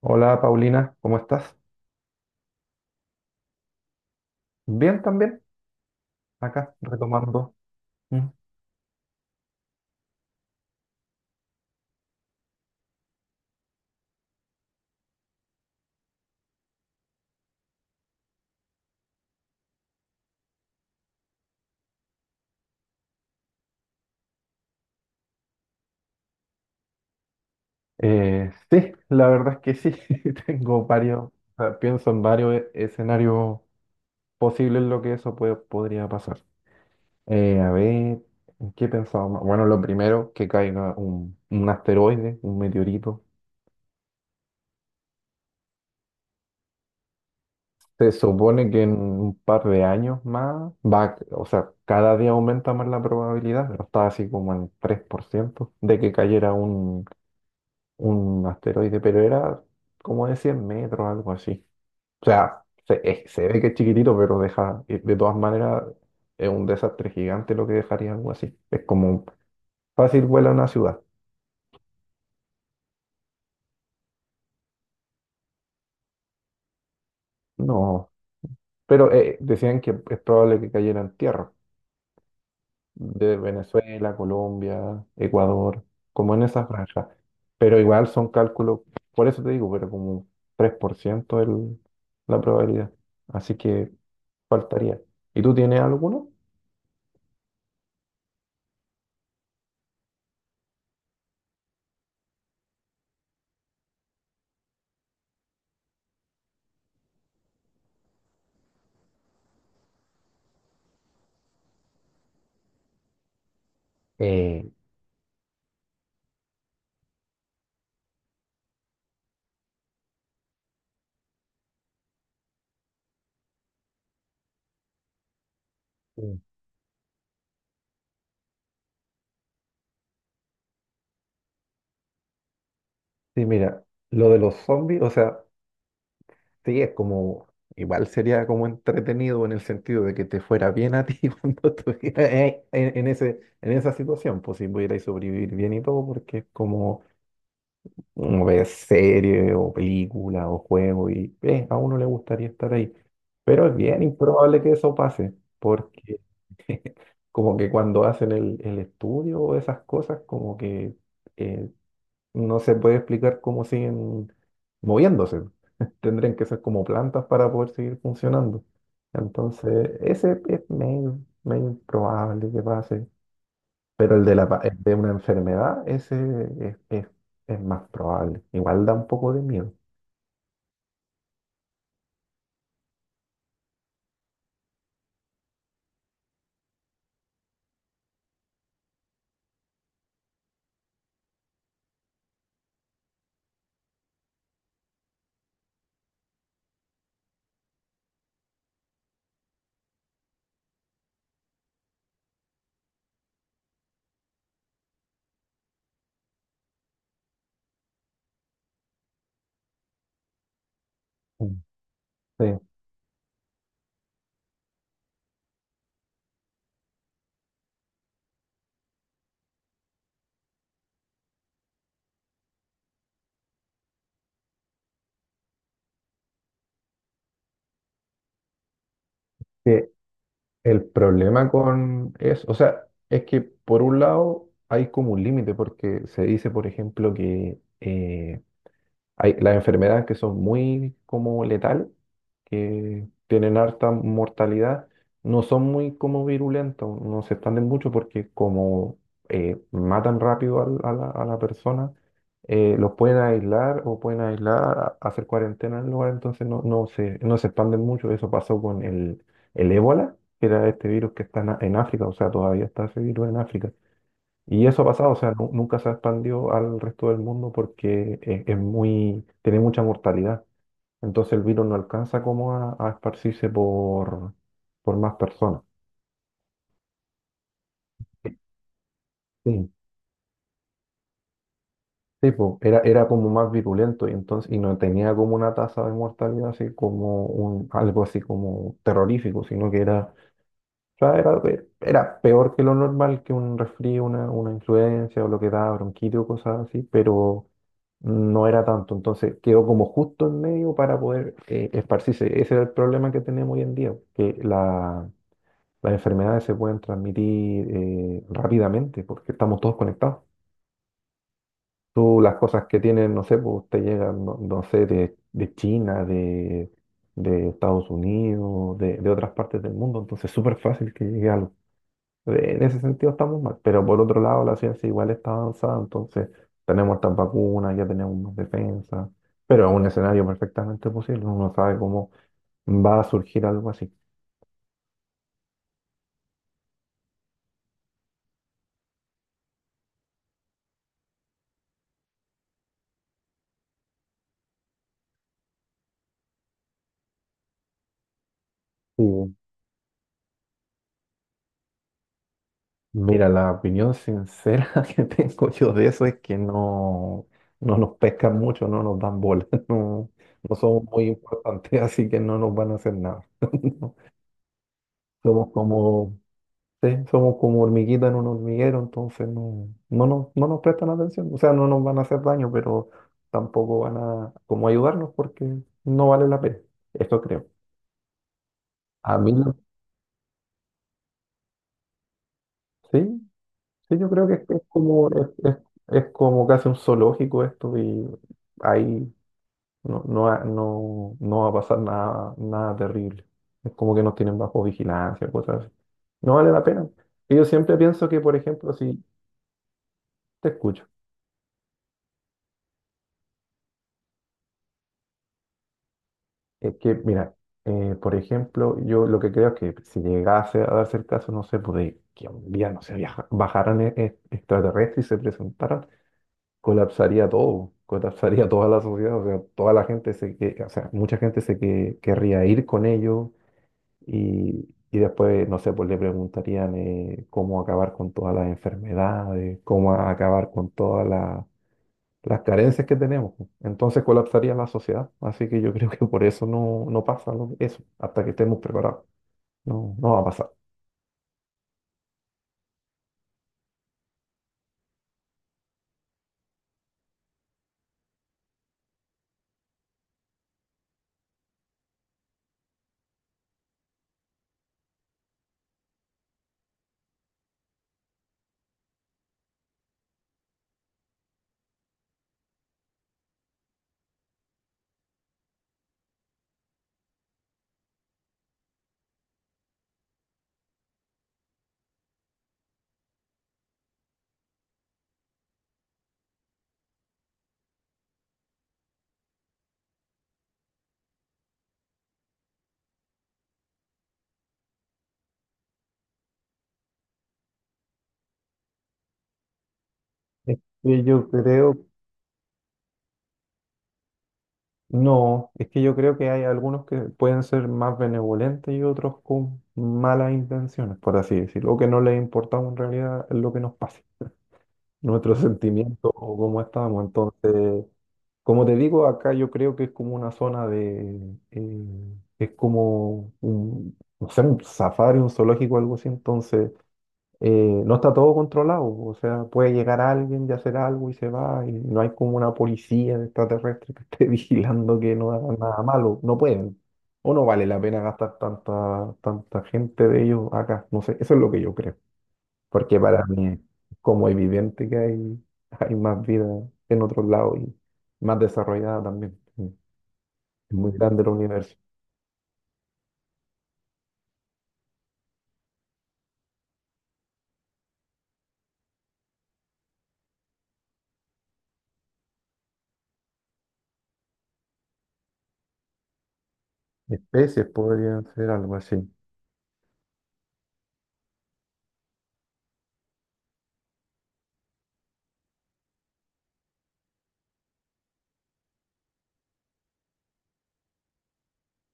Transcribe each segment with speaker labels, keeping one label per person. Speaker 1: Hola Paulina, ¿cómo estás? Bien también, acá retomando. Mm. Sí, la verdad es que sí, tengo varios, o sea, pienso en varios escenarios posibles en lo que eso podría pasar. A ver, ¿en qué pensaba más? Bueno, lo primero, que caiga un asteroide, un meteorito. Se supone que en un par de años más va, o sea, cada día aumenta más la probabilidad, pero está así como en 3% de que cayera un asteroide, pero era como de 100 metros, algo así. O sea, se ve que es chiquitito, pero deja, y de todas maneras, es un desastre gigante lo que dejaría algo así. Es como fácil vuela una ciudad. No, pero decían que es probable que cayera en tierra, de Venezuela, Colombia, Ecuador, como en esa franja. Pero igual son cálculos, por eso te digo, pero como tres por ciento, la probabilidad. Así que faltaría. ¿Y tú tienes alguno? Eh, Mm. Sí, mira, lo de los zombies, o sea, sí, es como, igual sería como entretenido en el sentido de que te fuera bien a ti cuando estuvieras en ese, en esa situación, pues si pudierais sobrevivir bien y todo, porque es como, uno ve serie o película o juego y a uno le gustaría estar ahí, pero es bien improbable que eso pase, porque como que cuando hacen el estudio o esas cosas, como que... eh, no se puede explicar cómo siguen moviéndose. Tendrían que ser como plantas para poder seguir funcionando. Entonces, ese es medio, medio improbable que pase. Pero el de el de una enfermedad, ese es, es- es más probable. Igual da un poco de miedo. Mm. Sí, que el problema con eso, o sea, es que por un lado hay como un límite, porque se dice, por ejemplo, que hay las enfermedades que son muy como letales, que tienen harta mortalidad, no son muy como virulentas, no se expanden mucho porque como matan rápido a la persona, los pueden aislar o pueden aislar, hacer cuarentena en el lugar, entonces no se expanden mucho. Eso pasó con el ébola, que era este virus que está en, en África, o sea, todavía está ese virus en África y eso ha pasado, o sea, nunca se expandió al resto del mundo porque es muy, tiene mucha mortalidad. Entonces el virus no alcanza como a esparcirse por más personas. Sí, sí, po, era como más virulento y entonces, y no tenía como una tasa de mortalidad así como un, algo así como terrorífico, sino que era, o sea, era, era peor que lo normal que un resfrío, una influencia o lo que da bronquitis o cosas así, pero no era tanto. Entonces quedó como justo en medio para poder esparcirse. Ese es el problema que tenemos hoy en día, que las enfermedades se pueden transmitir rápidamente porque estamos todos conectados. Tú las cosas que tienen, no sé, pues te llegan, no sé, de China, de Estados Unidos, de otras partes del mundo. Entonces es súper fácil que llegue algo. En ese sentido estamos mal, pero por otro lado la ciencia igual está avanzada, entonces tenemos estas vacunas, ya tenemos más defensa, pero es un escenario perfectamente posible, uno sabe cómo va a surgir algo así. Sí. Mira, la opinión sincera que tengo yo de eso es que no, no nos pescan mucho, no nos dan bola, no, no somos muy importantes, así que no nos van a hacer nada. Somos como, sí, somos como hormiguitas en un hormiguero, entonces no nos prestan atención. O sea, no nos van a hacer daño, pero tampoco van a como ayudarnos porque no vale la pena. Eso creo. A mí, la- sí, sí, yo creo que es como, es como casi un zoológico esto y ahí no va a pasar nada, nada terrible. Es como que nos tienen bajo vigilancia, cosas así. No vale la pena. Y yo siempre pienso que, por ejemplo, si te escucho. Es que, mira, por ejemplo, yo lo que creo es que si llegase a darse el caso, no sé, pues de que un día, no sé, bajaran extraterrestres y se presentaran, colapsaría todo, colapsaría toda la sociedad, o sea, toda la gente se que, o sea, mucha gente se que, querría ir con ellos y después, no sé, pues le preguntarían cómo acabar con todas las enfermedades, cómo acabar con todas las carencias que tenemos, pues, entonces colapsaría la sociedad. Así que yo creo que por eso no, no pasa eso, hasta que estemos preparados. No, no va a pasar. Es que yo creo, no, es que yo creo que hay algunos que pueden ser más benevolentes y otros con malas intenciones, por así decirlo, o que no les importamos en realidad lo que nos pase, nuestros sentimientos o cómo estamos. Entonces, como te digo, acá yo creo que es como una zona de... es como un, no sé, un safari, un zoológico, algo así. Entonces, eh, no está todo controlado. O sea, puede llegar alguien y hacer algo y se va. Y no hay como una policía extraterrestre que esté vigilando que no hagan nada malo. No pueden. O no vale la pena gastar tanta, tanta gente de ellos acá. No sé, eso es lo que yo creo porque para mí es como evidente que hay, hay más vida en otros lados y más desarrollada también. Es muy grande el universo. Especies podrían ser algo así.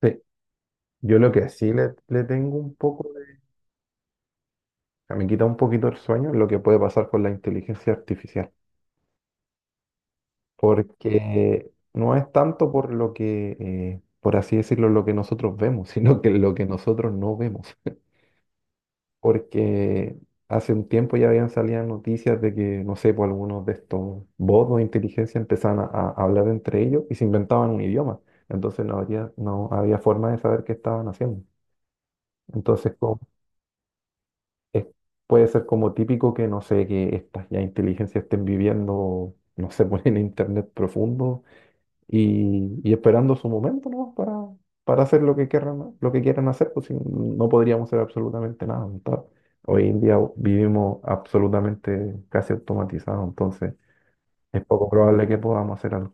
Speaker 1: Sí, yo lo que sí le tengo un poco, o sea, me quita un poquito el sueño lo que puede pasar con la inteligencia artificial, porque no es tanto por lo que, por así decirlo, lo que nosotros vemos, sino que lo que nosotros no vemos. Porque hace un tiempo ya habían salido noticias de que, no sé, por algunos de estos bots de inteligencia empezaban a hablar entre ellos y se inventaban un idioma. Entonces no había forma de saber qué estaban haciendo. Entonces como, es- puede ser como típico que, no sé, que estas ya inteligencias estén viviendo, no sé, pues, en internet profundo y esperando su momento, ¿no? Para hacer lo que quieran hacer, pues si no podríamos hacer absolutamente nada. ¿No? Tal. Hoy en día vivimos absolutamente casi automatizados, entonces es poco probable que podamos hacer algo.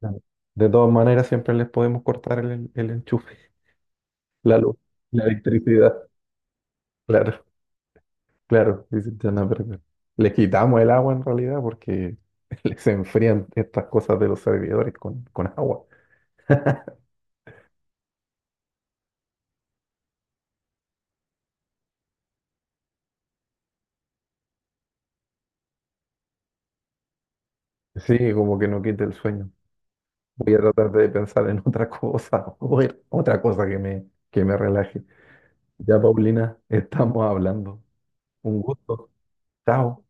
Speaker 1: Claro. De todas maneras, siempre les podemos cortar el enchufe, la luz, la electricidad. Claro, claro, dicen, "Ya no, pero". Les quitamos el agua en realidad porque les enfrían estas cosas de los servidores con agua. Sí, como que no quita el sueño. Voy a tratar de pensar en otra cosa, o en otra cosa que me relaje. Ya, Paulina, estamos hablando. Un gusto. Chao.